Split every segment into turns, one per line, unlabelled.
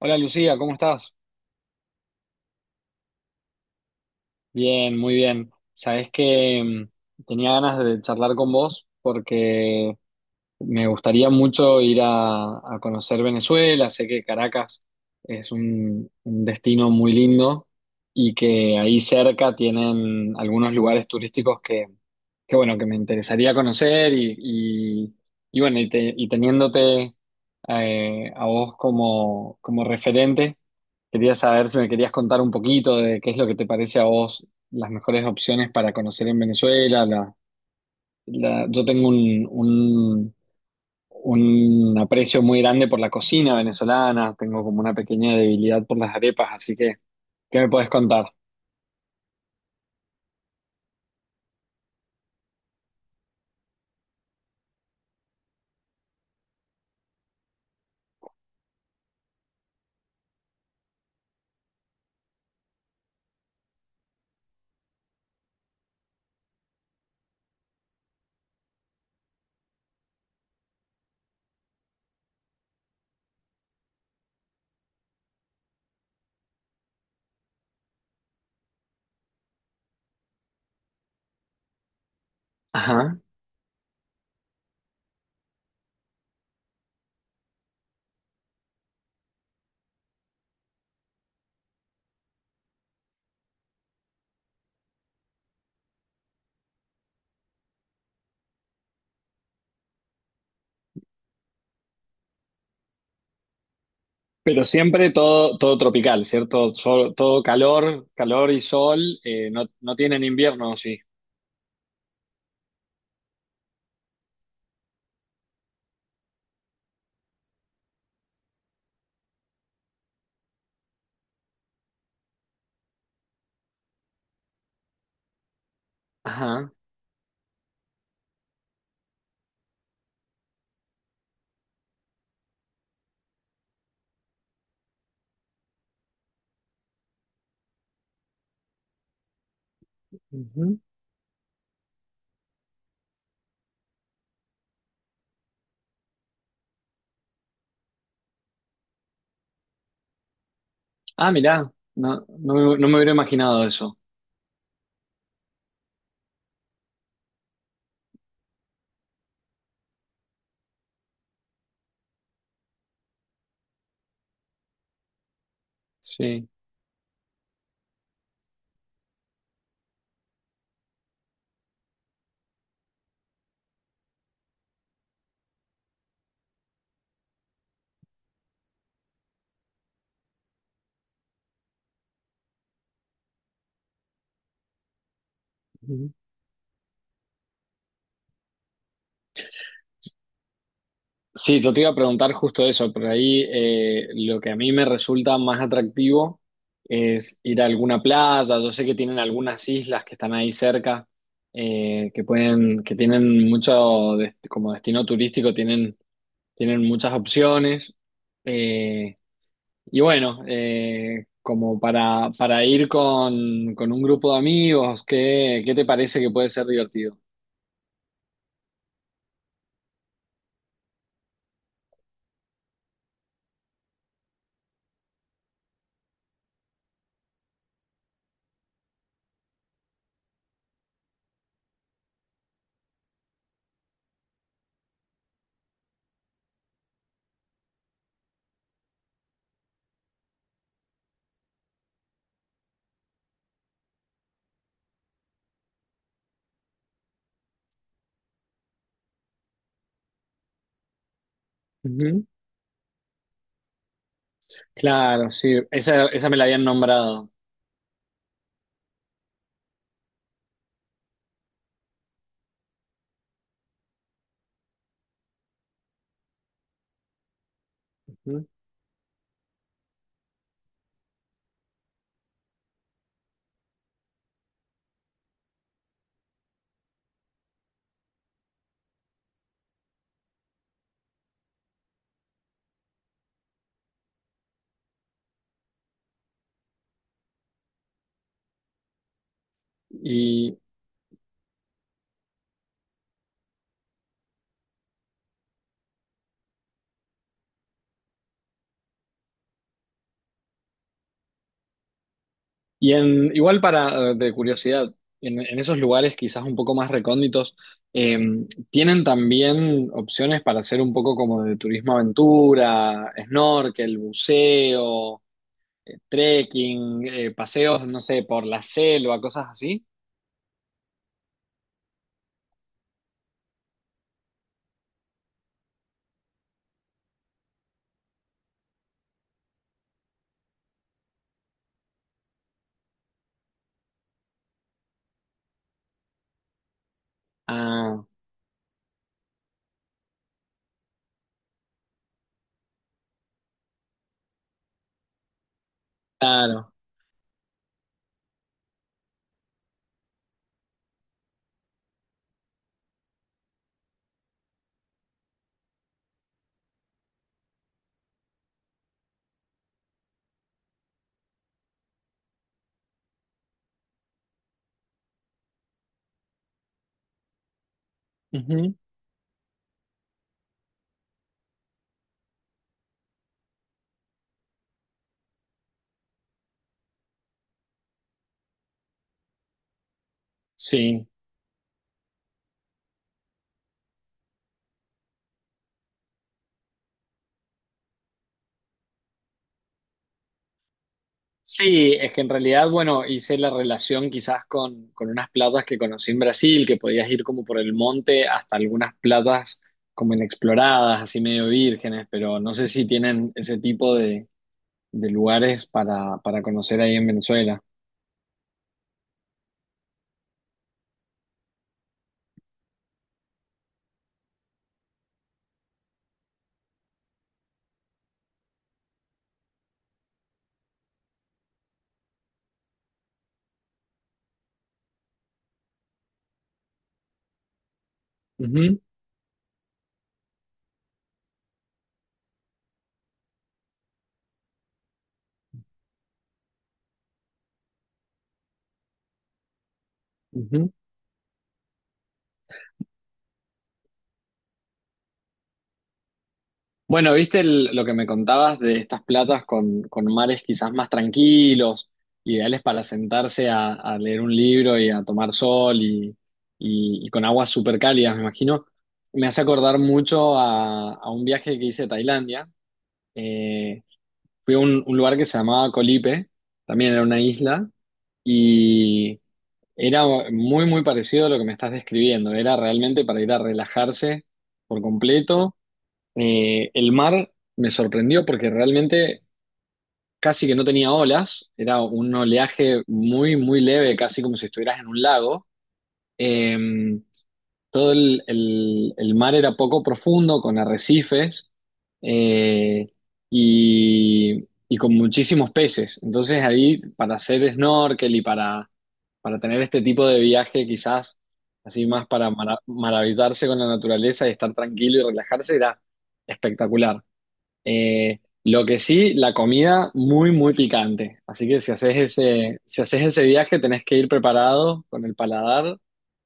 Hola Lucía, ¿cómo estás? Bien, muy bien. Sabés que tenía ganas de charlar con vos porque me gustaría mucho ir a conocer Venezuela. Sé que Caracas es un destino muy lindo y que ahí cerca tienen algunos lugares turísticos que bueno, que me interesaría conocer y bueno, y teniéndote a vos como referente, quería saber si me querías contar un poquito de qué es lo que te parece a vos las mejores opciones para conocer en Venezuela. Yo tengo un aprecio muy grande por la cocina venezolana, tengo como una pequeña debilidad por las arepas, así que, ¿qué me puedes contar? Ajá. Pero siempre todo, todo tropical, ¿cierto? Todo calor, calor y sol, no, no tienen invierno, ¿o sí? Ajá. Ujú. Ah, mirá, no me hubiera imaginado eso. Sí. Sí, yo te iba a preguntar justo eso, por ahí lo que a mí me resulta más atractivo es ir a alguna playa, yo sé que tienen algunas islas que están ahí cerca, que pueden, que tienen mucho, como destino turístico, tienen, tienen muchas opciones, eh, y bueno, como para ir con un grupo de amigos, ¿qué, qué te parece que puede ser divertido? Ujú. Claro, sí, esa me la habían nombrado. Ujú. Y, y en, igual para, de curiosidad, en esos lugares quizás un poco más recónditos, eh, ¿tienen también opciones para hacer un poco como de turismo aventura, snorkel, buceo, trekking, paseos, no sé, por la selva, cosas así? Ah, claro. Ujú. Sí. Sí, es que en realidad, bueno, hice la relación quizás con unas playas que conocí en Brasil, que podías ir como por el monte hasta algunas playas como inexploradas, así medio vírgenes, pero no sé si tienen ese tipo de lugares para conocer ahí en Venezuela. Ujú, ujú. Bueno, viste lo que me contabas de estas playas con mares quizás más tranquilos, ideales para sentarse a leer un libro y a tomar sol y con aguas súper cálidas, me imagino. Me hace acordar mucho a un viaje que hice a Tailandia. Eh, fui a un lugar que se llamaba Colipe, también era una isla, y era muy, muy parecido a lo que me estás describiendo. Era realmente para ir a relajarse por completo. Eh, el mar me sorprendió porque realmente casi que no tenía olas, era un oleaje muy, muy leve, casi como si estuvieras en un lago. Eh, todo el mar era poco profundo, con arrecifes eh, y con muchísimos peces. Entonces ahí para hacer snorkel y para tener este tipo de viaje quizás, así más para maravillarse con la naturaleza y estar tranquilo y relajarse, era espectacular. Lo que sí, la comida muy, muy picante. Así que si haces si haces ese viaje, tenés que ir preparado con el paladar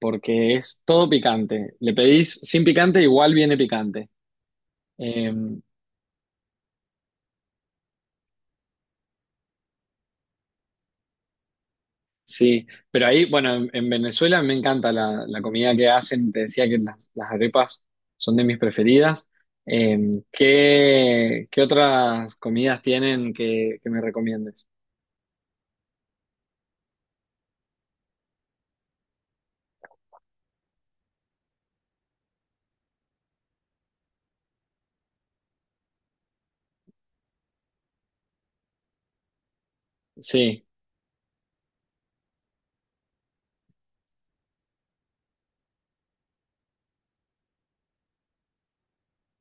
porque es todo picante. Le pedís sin picante, igual viene picante. Eh, sí, pero ahí, bueno, en Venezuela me encanta la comida que hacen. Te decía que las arepas son de mis preferidas. ¿Qué, qué otras comidas tienen que me recomiendes? Sí,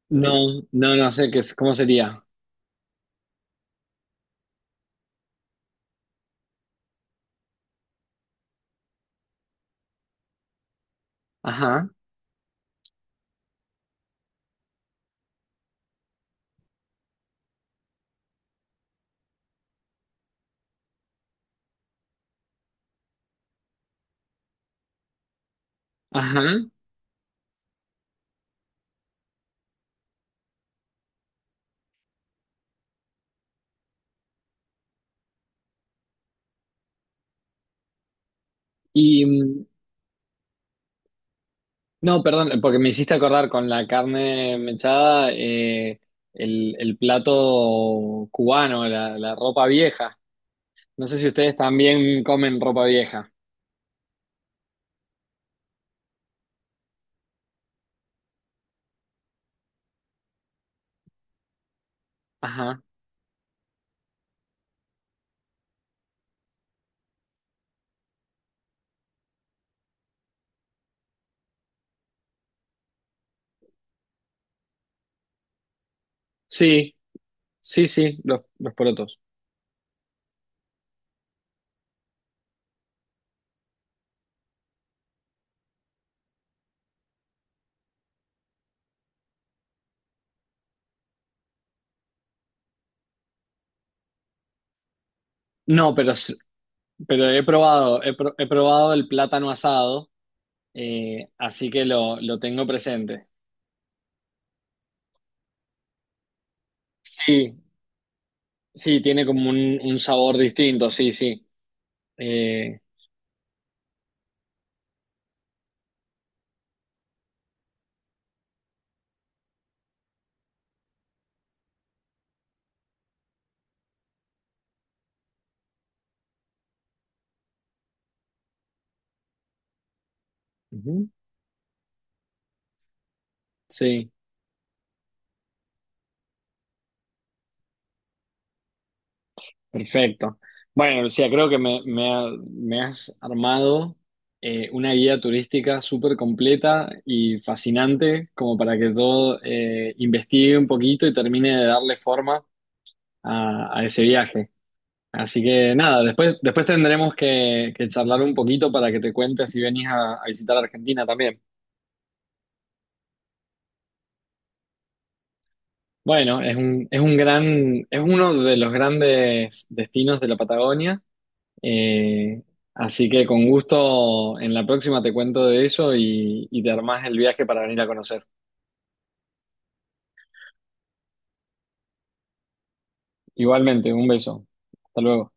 no sé qué, cómo sería. Ajá, ajá. Y mm, no, perdón, porque me hiciste acordar con la carne mechada, el plato cubano, la ropa vieja. No sé si ustedes también comen ropa vieja. Ajá. Sí, sí, sí, los porotos. No, pero, pero he probado, he probado el plátano asado, así que lo tengo presente. Sí, sí, tiene como un sabor distinto, sí, sí. Eh, ujú, sí. Perfecto. Bueno, Lucía, creo que me has armado una guía turística súper completa y fascinante, como para que yo investigue un poquito y termine de darle forma a ese viaje. Así que nada, después tendremos que charlar un poquito para que te cuentes si venís a visitar Argentina también. Bueno, es es uno de los grandes destinos de la Patagonia. Eh, así que con gusto en la próxima te cuento de eso y te armás el viaje para venir a conocer. Igualmente, un beso. Hasta luego.